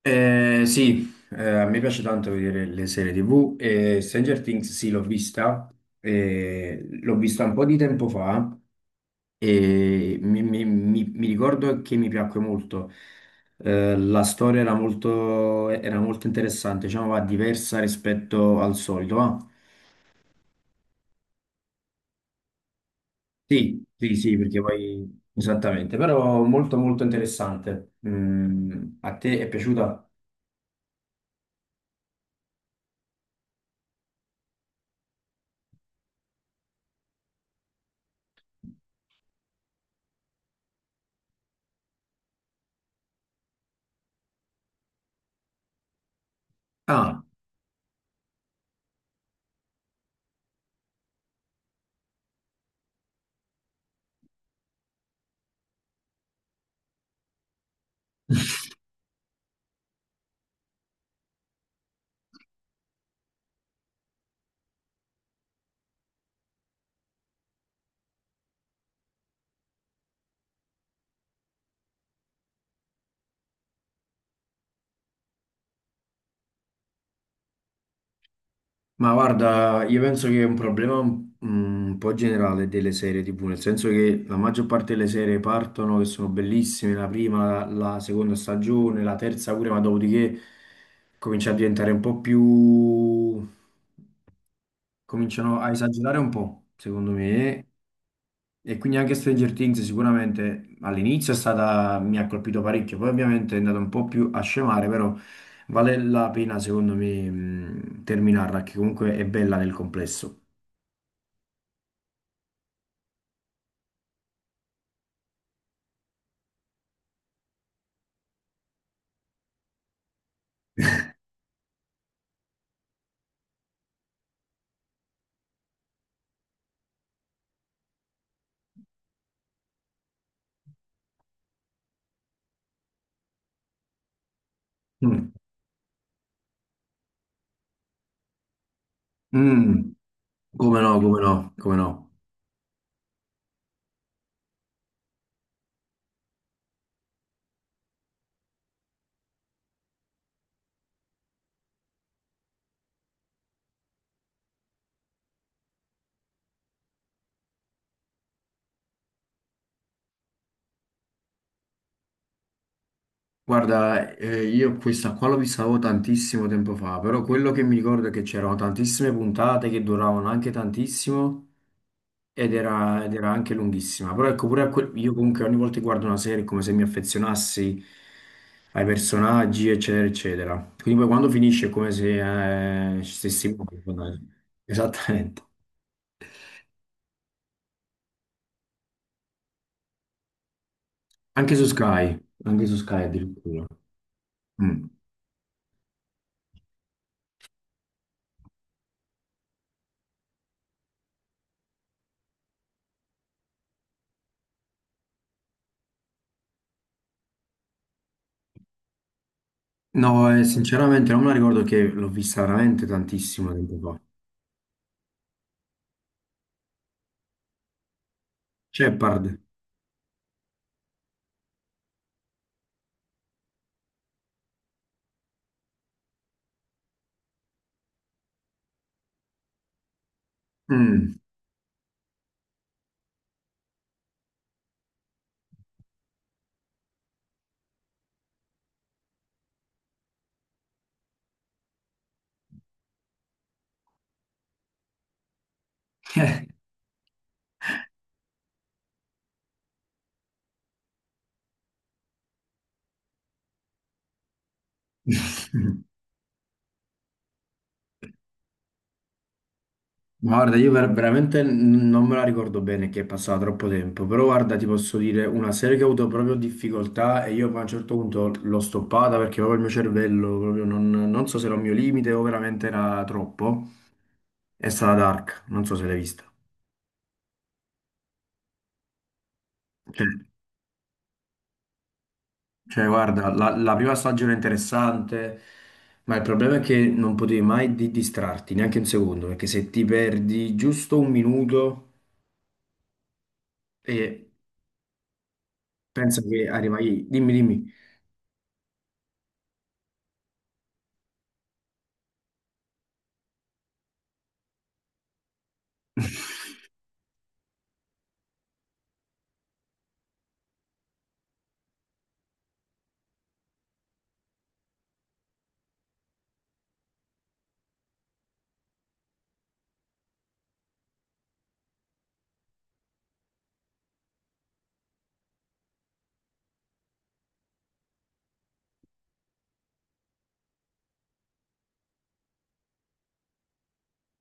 Sì, a me piace tanto vedere le serie TV e Stranger Things sì, l'ho vista un po' di tempo fa e mi ricordo che mi piacque molto. La storia era era molto interessante, diciamo, va diversa rispetto al solito, va? Sì, sì, sì, perché poi esattamente, però molto molto interessante. Mm, a te è piaciuta? Ah. Ma guarda, io penso che è un problema mm, un po' generale delle serie TV, nel senso che la maggior parte delle serie partono che sono bellissime, la prima, la seconda stagione, la terza pure, ma dopodiché comincia a diventare un po' più... cominciano a esagerare un po', secondo me, e quindi anche Stranger Things sicuramente all'inizio è stata, mi ha colpito parecchio, poi ovviamente è andata un po' più a scemare, però vale la pena secondo me terminarla, che comunque è bella nel complesso. Mm. Mm. Come no, come no, come no. Guarda, io questa qua l'ho vista avevo tantissimo tempo fa, però quello che mi ricordo è che c'erano tantissime puntate che duravano anche tantissimo. Ed era anche lunghissima, però ecco pure a io comunque ogni volta che guardo una serie è come se mi affezionassi ai personaggi, eccetera, eccetera. Quindi poi quando finisce è come se ci stessimo. Esattamente. Anche su Sky, anche su Sky addirittura. Mm. No, sinceramente non me la ricordo che l'ho vista veramente tantissimo tempo fa. Shepard. Mm. Guarda, io veramente non me la ricordo bene che è passato troppo tempo, però guarda, ti posso dire una serie che ho avuto proprio difficoltà e io poi a un certo punto l'ho stoppata perché proprio il mio cervello, proprio non so se era un mio limite o veramente era troppo, è stata Dark, non so se l'hai vista. Cioè, cioè, guarda, la prima stagione è interessante, ma il problema è che non potevi mai distrarti neanche un secondo, perché se ti perdi giusto un minuto e pensa che arrivai, dimmi, dimmi.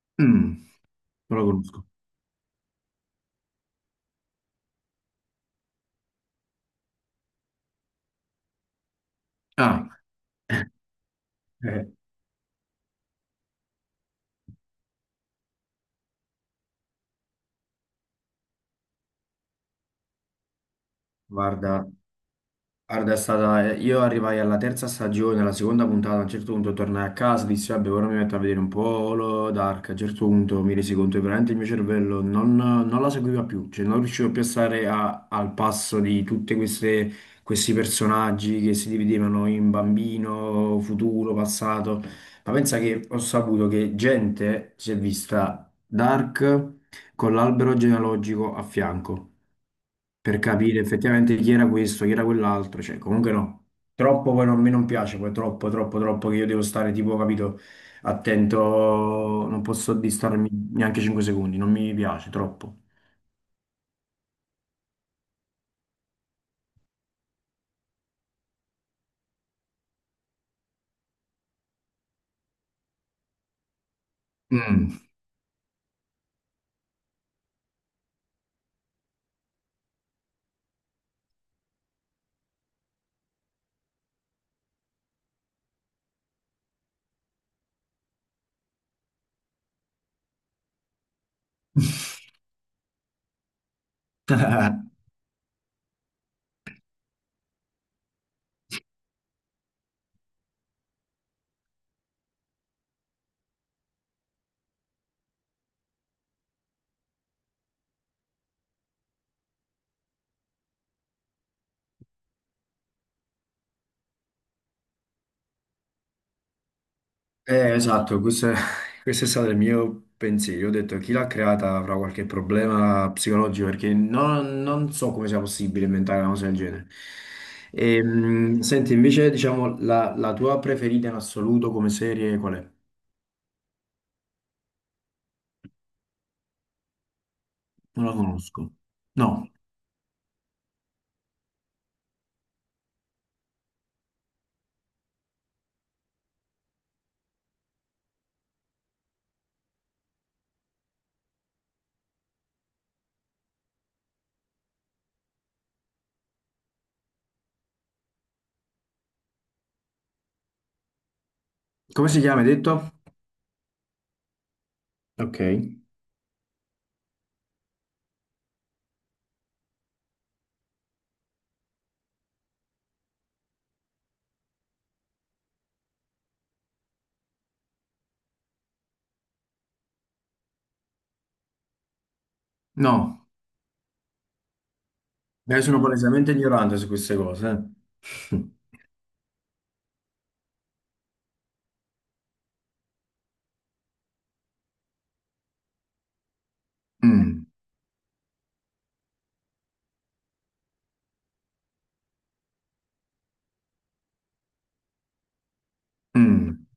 Non lo conosco. Ah, Eh, guarda, guarda, è stata... Io arrivai alla terza stagione, alla seconda puntata, a un certo punto tornai a casa, dissi, vabbè, ora mi metto a vedere un po' Holo Dark, a un certo punto mi resi conto che veramente il mio cervello non la seguiva più, cioè non riuscivo più a stare al passo di tutti questi personaggi che si dividevano in bambino, futuro, passato. Ma pensa che ho saputo che gente si è vista Dark con l'albero genealogico a fianco, per capire effettivamente chi era questo, chi era quell'altro, cioè comunque no, troppo poi non, a me non piace, poi troppo, troppo, troppo che io devo stare tipo, capito, attento, non posso distrarmi neanche 5 secondi, non mi piace, troppo. Mm. Esatto, questo è stato il mio pensiero. Io ho detto chi l'ha creata avrà qualche problema psicologico perché non so come sia possibile inventare una cosa del genere. Senti, invece, diciamo, la tua preferita in assoluto come serie qual è? Non la conosco. No. Come si chiama, hai detto? Ok. No, io sono palesemente ignorante su queste cose. Mm, mm.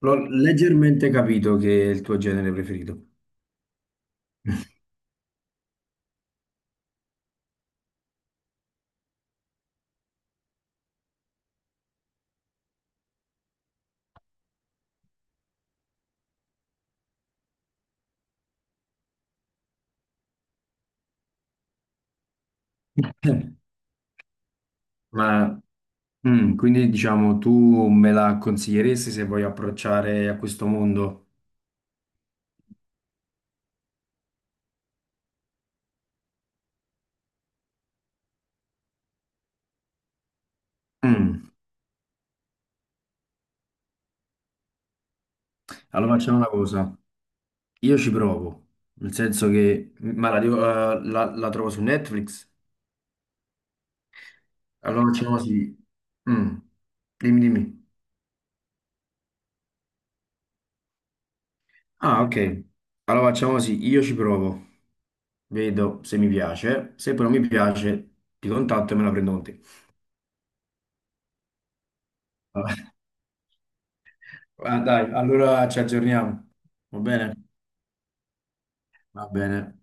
L'ho leggermente capito che è il tuo genere preferito. Ma Mm, quindi diciamo tu me la consiglieresti se voglio approcciare a questo mondo? Mm, allora facciamo una cosa, io ci provo, nel senso che, la trovo su Netflix? Allora facciamo così, Mm, dimmi dimmi. Ah ok, allora facciamo così, io ci provo, vedo se mi piace, se però mi piace ti contatto e me la prendo con te. Ah, dai, allora ci aggiorniamo, va bene? Va bene.